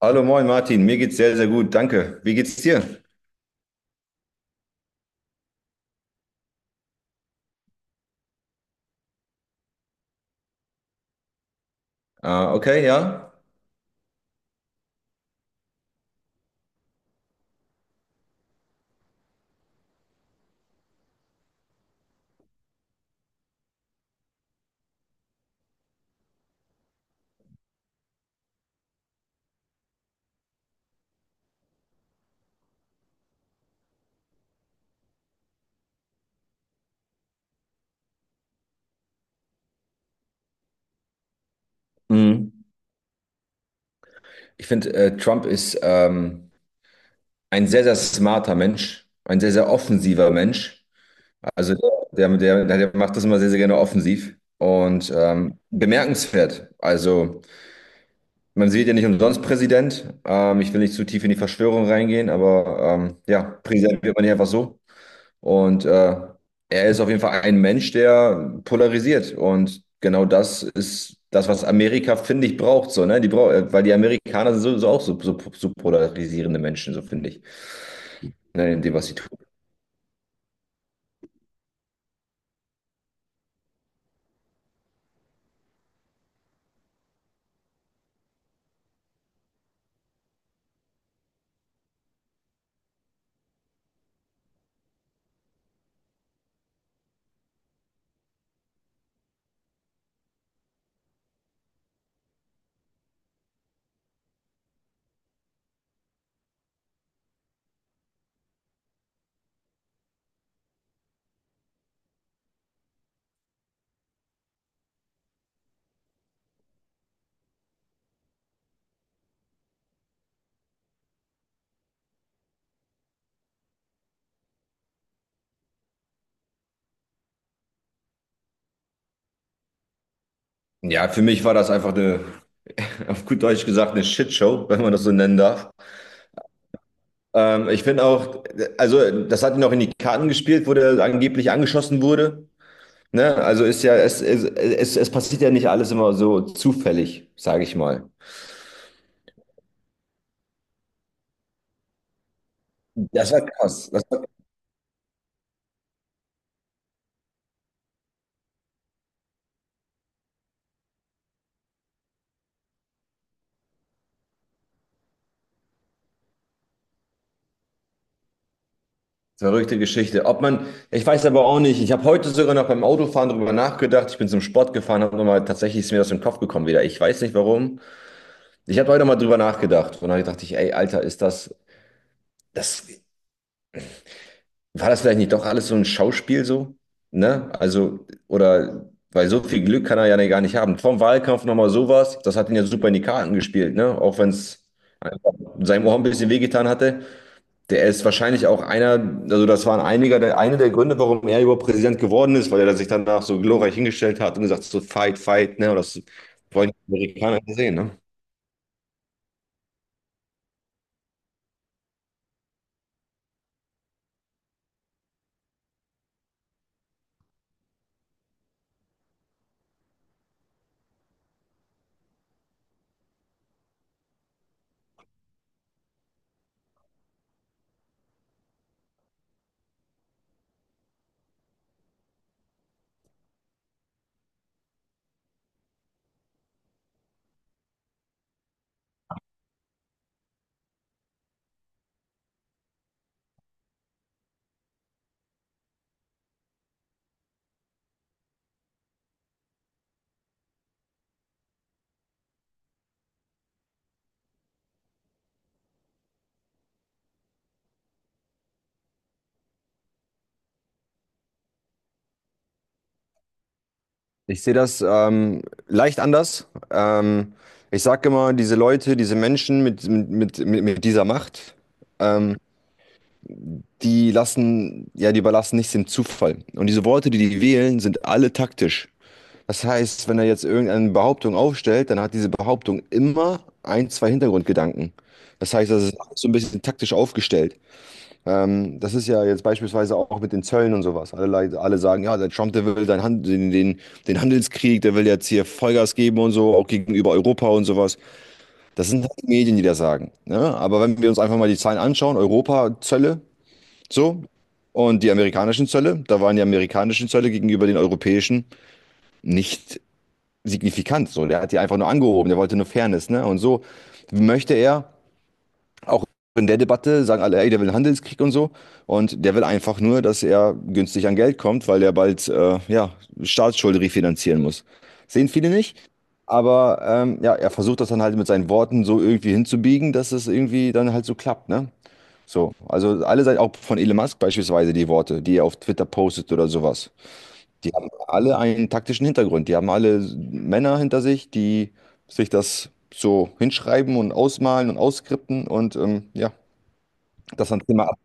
Hallo, moin Martin, mir geht's sehr, sehr gut, danke. Wie geht's dir? Ah, okay, ja. Mhm. Ich finde, Trump ist ein sehr, sehr smarter Mensch, ein sehr, sehr offensiver Mensch. Also der macht das immer sehr, sehr gerne offensiv und bemerkenswert. Also man sieht ja nicht umsonst Präsident. Ich will nicht zu tief in die Verschwörung reingehen, aber ja, Präsident wird man ja einfach so. Und er ist auf jeden Fall ein Mensch, der polarisiert. Und genau das ist das, was Amerika, finde ich, braucht. So, ne? Die brau weil die Amerikaner sind so, so auch so polarisierende Menschen, so finde ich, ne? In dem, was sie tun. Ja, für mich war das einfach eine, auf gut Deutsch gesagt, eine Shitshow, wenn man das so nennen darf. Ich finde auch, also das hat ihn auch in die Karten gespielt, wo der angeblich angeschossen wurde. Ne? Also ist ja, es passiert ja nicht alles immer so zufällig, sage ich mal. Das war krass. Verrückte Geschichte. Ob man, ich weiß aber auch nicht. Ich habe heute sogar noch beim Autofahren drüber nachgedacht. Ich bin zum Sport gefahren, habe nochmal, tatsächlich ist mir das im Kopf gekommen wieder. Ich weiß nicht warum. Ich habe heute mal drüber nachgedacht und dann dachte ich, ey, Alter, ist das, war das vielleicht nicht doch alles so ein Schauspiel so? Ne? Also, oder, weil so viel Glück kann er ja gar nicht haben. Vom Wahlkampf nochmal sowas, das hat ihn ja super in die Karten gespielt, ne? Auch wenn es einfach seinem Ohr ein bisschen wehgetan hatte. Der ist wahrscheinlich auch einer, also das waren einige der, eine der Gründe, warum er überhaupt Präsident geworden ist, weil er sich danach so glorreich hingestellt hat und gesagt hat, so fight, fight, ne? Und das wollen die Amerikaner nicht sehen, ne? Ich sehe das leicht anders. Ich sage immer, diese Leute, diese Menschen mit dieser Macht, ähm, die lassen, ja, die überlassen nichts dem Zufall. Und diese Worte, die die wählen, sind alle taktisch. Das heißt, wenn er jetzt irgendeine Behauptung aufstellt, dann hat diese Behauptung immer ein, zwei Hintergrundgedanken. Das heißt, das ist so ein bisschen taktisch aufgestellt. Das ist ja jetzt beispielsweise auch mit den Zöllen und sowas. Alle sagen, ja, der Trump, der will den Handelskrieg, der will jetzt hier Vollgas geben und so, auch gegenüber Europa und sowas. Das sind halt die Medien, die das sagen. Ne? Aber wenn wir uns einfach mal die Zahlen anschauen, Europa, Zölle, so. Und die amerikanischen Zölle, da waren die amerikanischen Zölle gegenüber den europäischen nicht signifikant. So, der hat die einfach nur angehoben, der wollte nur Fairness, ne? Und so möchte er, auch in der Debatte sagen alle, ey, der will einen Handelskrieg und so. Und der will einfach nur, dass er günstig an Geld kommt, weil er bald, ja, Staatsschulden refinanzieren muss. Sehen viele nicht. Aber ja, er versucht das dann halt mit seinen Worten so irgendwie hinzubiegen, dass es irgendwie dann halt so klappt, ne? So, also alle Seiten, auch von Elon Musk beispielsweise die Worte, die er auf Twitter postet oder sowas, die haben alle einen taktischen Hintergrund. Die haben alle Männer hinter sich, die sich das so hinschreiben und ausmalen und ausskripten und ja, das dann immer ab.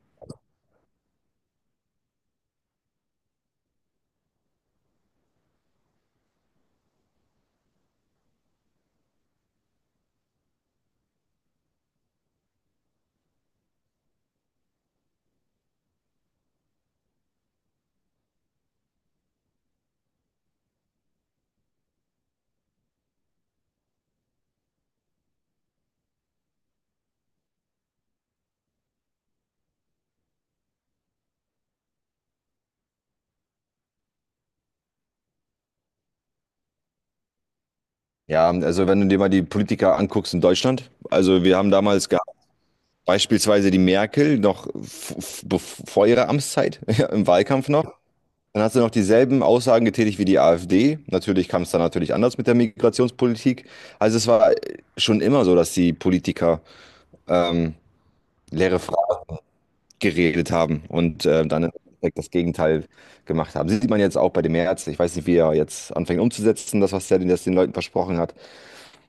Ja, also wenn du dir mal die Politiker anguckst in Deutschland, also wir haben damals gehabt, beispielsweise die Merkel noch vor ihrer Amtszeit, ja, im Wahlkampf noch, dann hast du noch dieselben Aussagen getätigt wie die AfD. Natürlich kam es dann natürlich anders mit der Migrationspolitik. Also es war schon immer so, dass die Politiker ähm, leere Fragen geredet haben und dann im Endeffekt das Gegenteil gemacht haben. Sieht man jetzt auch bei dem März. Ich weiß nicht, wie er jetzt anfängt umzusetzen, das, was er das den Leuten versprochen hat.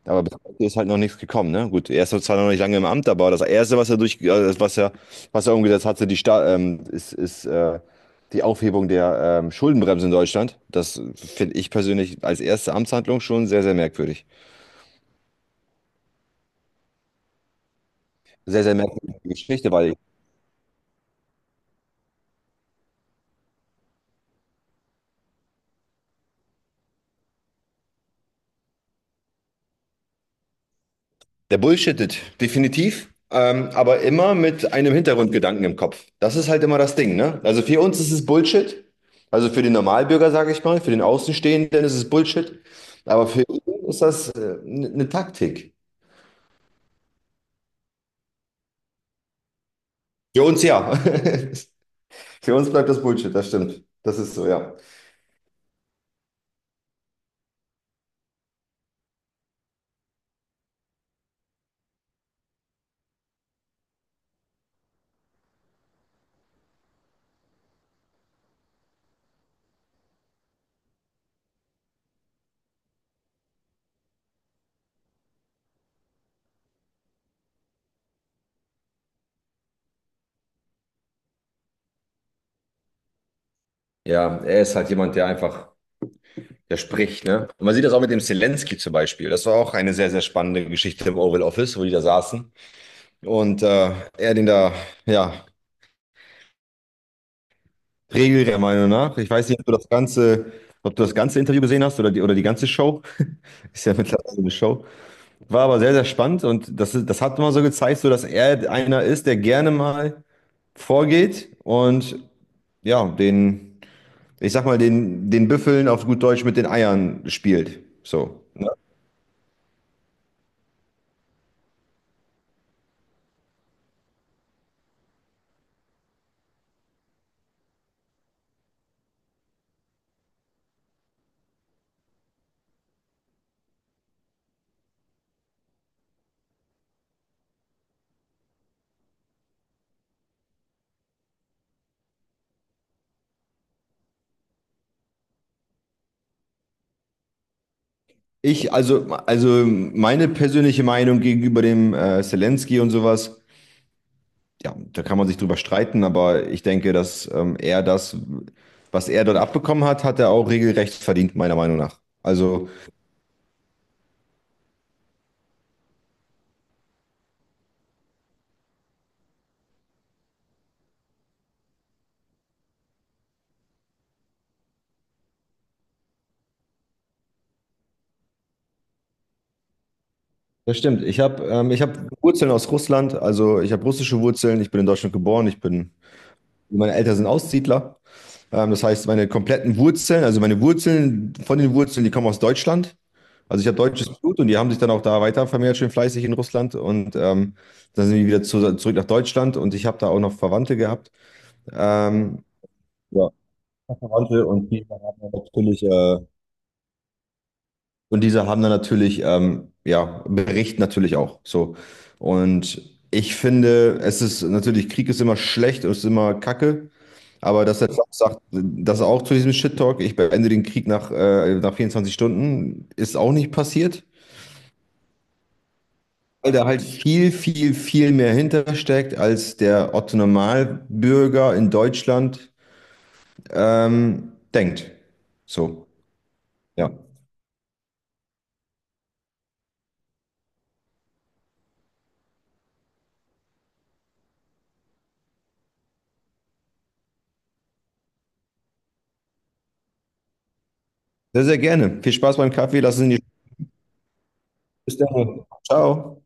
Aber bis heute ist halt noch nichts gekommen, ne? Gut, er ist zwar noch nicht lange im Amt, aber das Erste, was er was er umgesetzt hatte, die Sta ist, ist die Aufhebung der Schuldenbremse in Deutschland. Das finde ich persönlich als erste Amtshandlung schon sehr, sehr merkwürdig. Sehr, sehr merkwürdige Geschichte, weil der bullshittet, definitiv, aber immer mit einem Hintergrundgedanken im Kopf. Das ist halt immer das Ding, ne? Also für uns ist es Bullshit, also für den Normalbürger, sage ich mal, für den Außenstehenden ist es Bullshit, aber für ihn ist das eine Taktik. Für uns ja. Für uns bleibt das Bullshit, das stimmt. Das ist so, ja. Ja, er ist halt jemand, der einfach, der spricht, ne? Und man sieht das auch mit dem Zelensky zum Beispiel. Das war auch eine sehr, sehr spannende Geschichte im Oval Office, wo die da saßen. Und er den da, ja, Regel der Meinung nach. Ich weiß nicht, ob du das ganze, ob du das ganze Interview gesehen hast oder die ganze Show. Ist ja mittlerweile so eine Show. War aber sehr, sehr spannend und das, das hat immer so gezeigt, so dass er einer ist, der gerne mal vorgeht und ja, den, ich sag mal, den Büffeln auf gut Deutsch mit den Eiern spielt. So, ne? Ich, also meine persönliche Meinung gegenüber dem Zelensky und sowas. Ja, da kann man sich drüber streiten, aber ich denke, dass er das, was er dort abbekommen hat, hat er auch regelrecht verdient, meiner Meinung nach. Also, das stimmt. Ich habe ich hab Wurzeln aus Russland, also ich habe russische Wurzeln, ich bin in Deutschland geboren, ich bin, meine Eltern sind Aussiedler. Das heißt, meine kompletten Wurzeln, also meine Wurzeln von den Wurzeln, die kommen aus Deutschland. Also ich habe deutsches Blut und die haben sich dann auch da weiter vermehrt, schön fleißig in Russland. Und dann sind wir wieder zurück nach Deutschland und ich habe da auch noch Verwandte gehabt. Ähm, ja, Verwandte und die haben dann natürlich, ja, Bericht natürlich auch. So. Und ich finde, es ist natürlich, Krieg ist immer schlecht und ist immer Kacke. Aber dass er auch sagt, dass er auch zu diesem Shit-Talk, ich beende den Krieg nach, nach 24 Stunden, ist auch nicht passiert. Weil da halt viel, viel, viel mehr hintersteckt, als der Otto Normalbürger in Deutschland denkt. So, ja. Sehr, sehr gerne. Viel Spaß beim Kaffee. Lass es in die Bis dann. Ciao.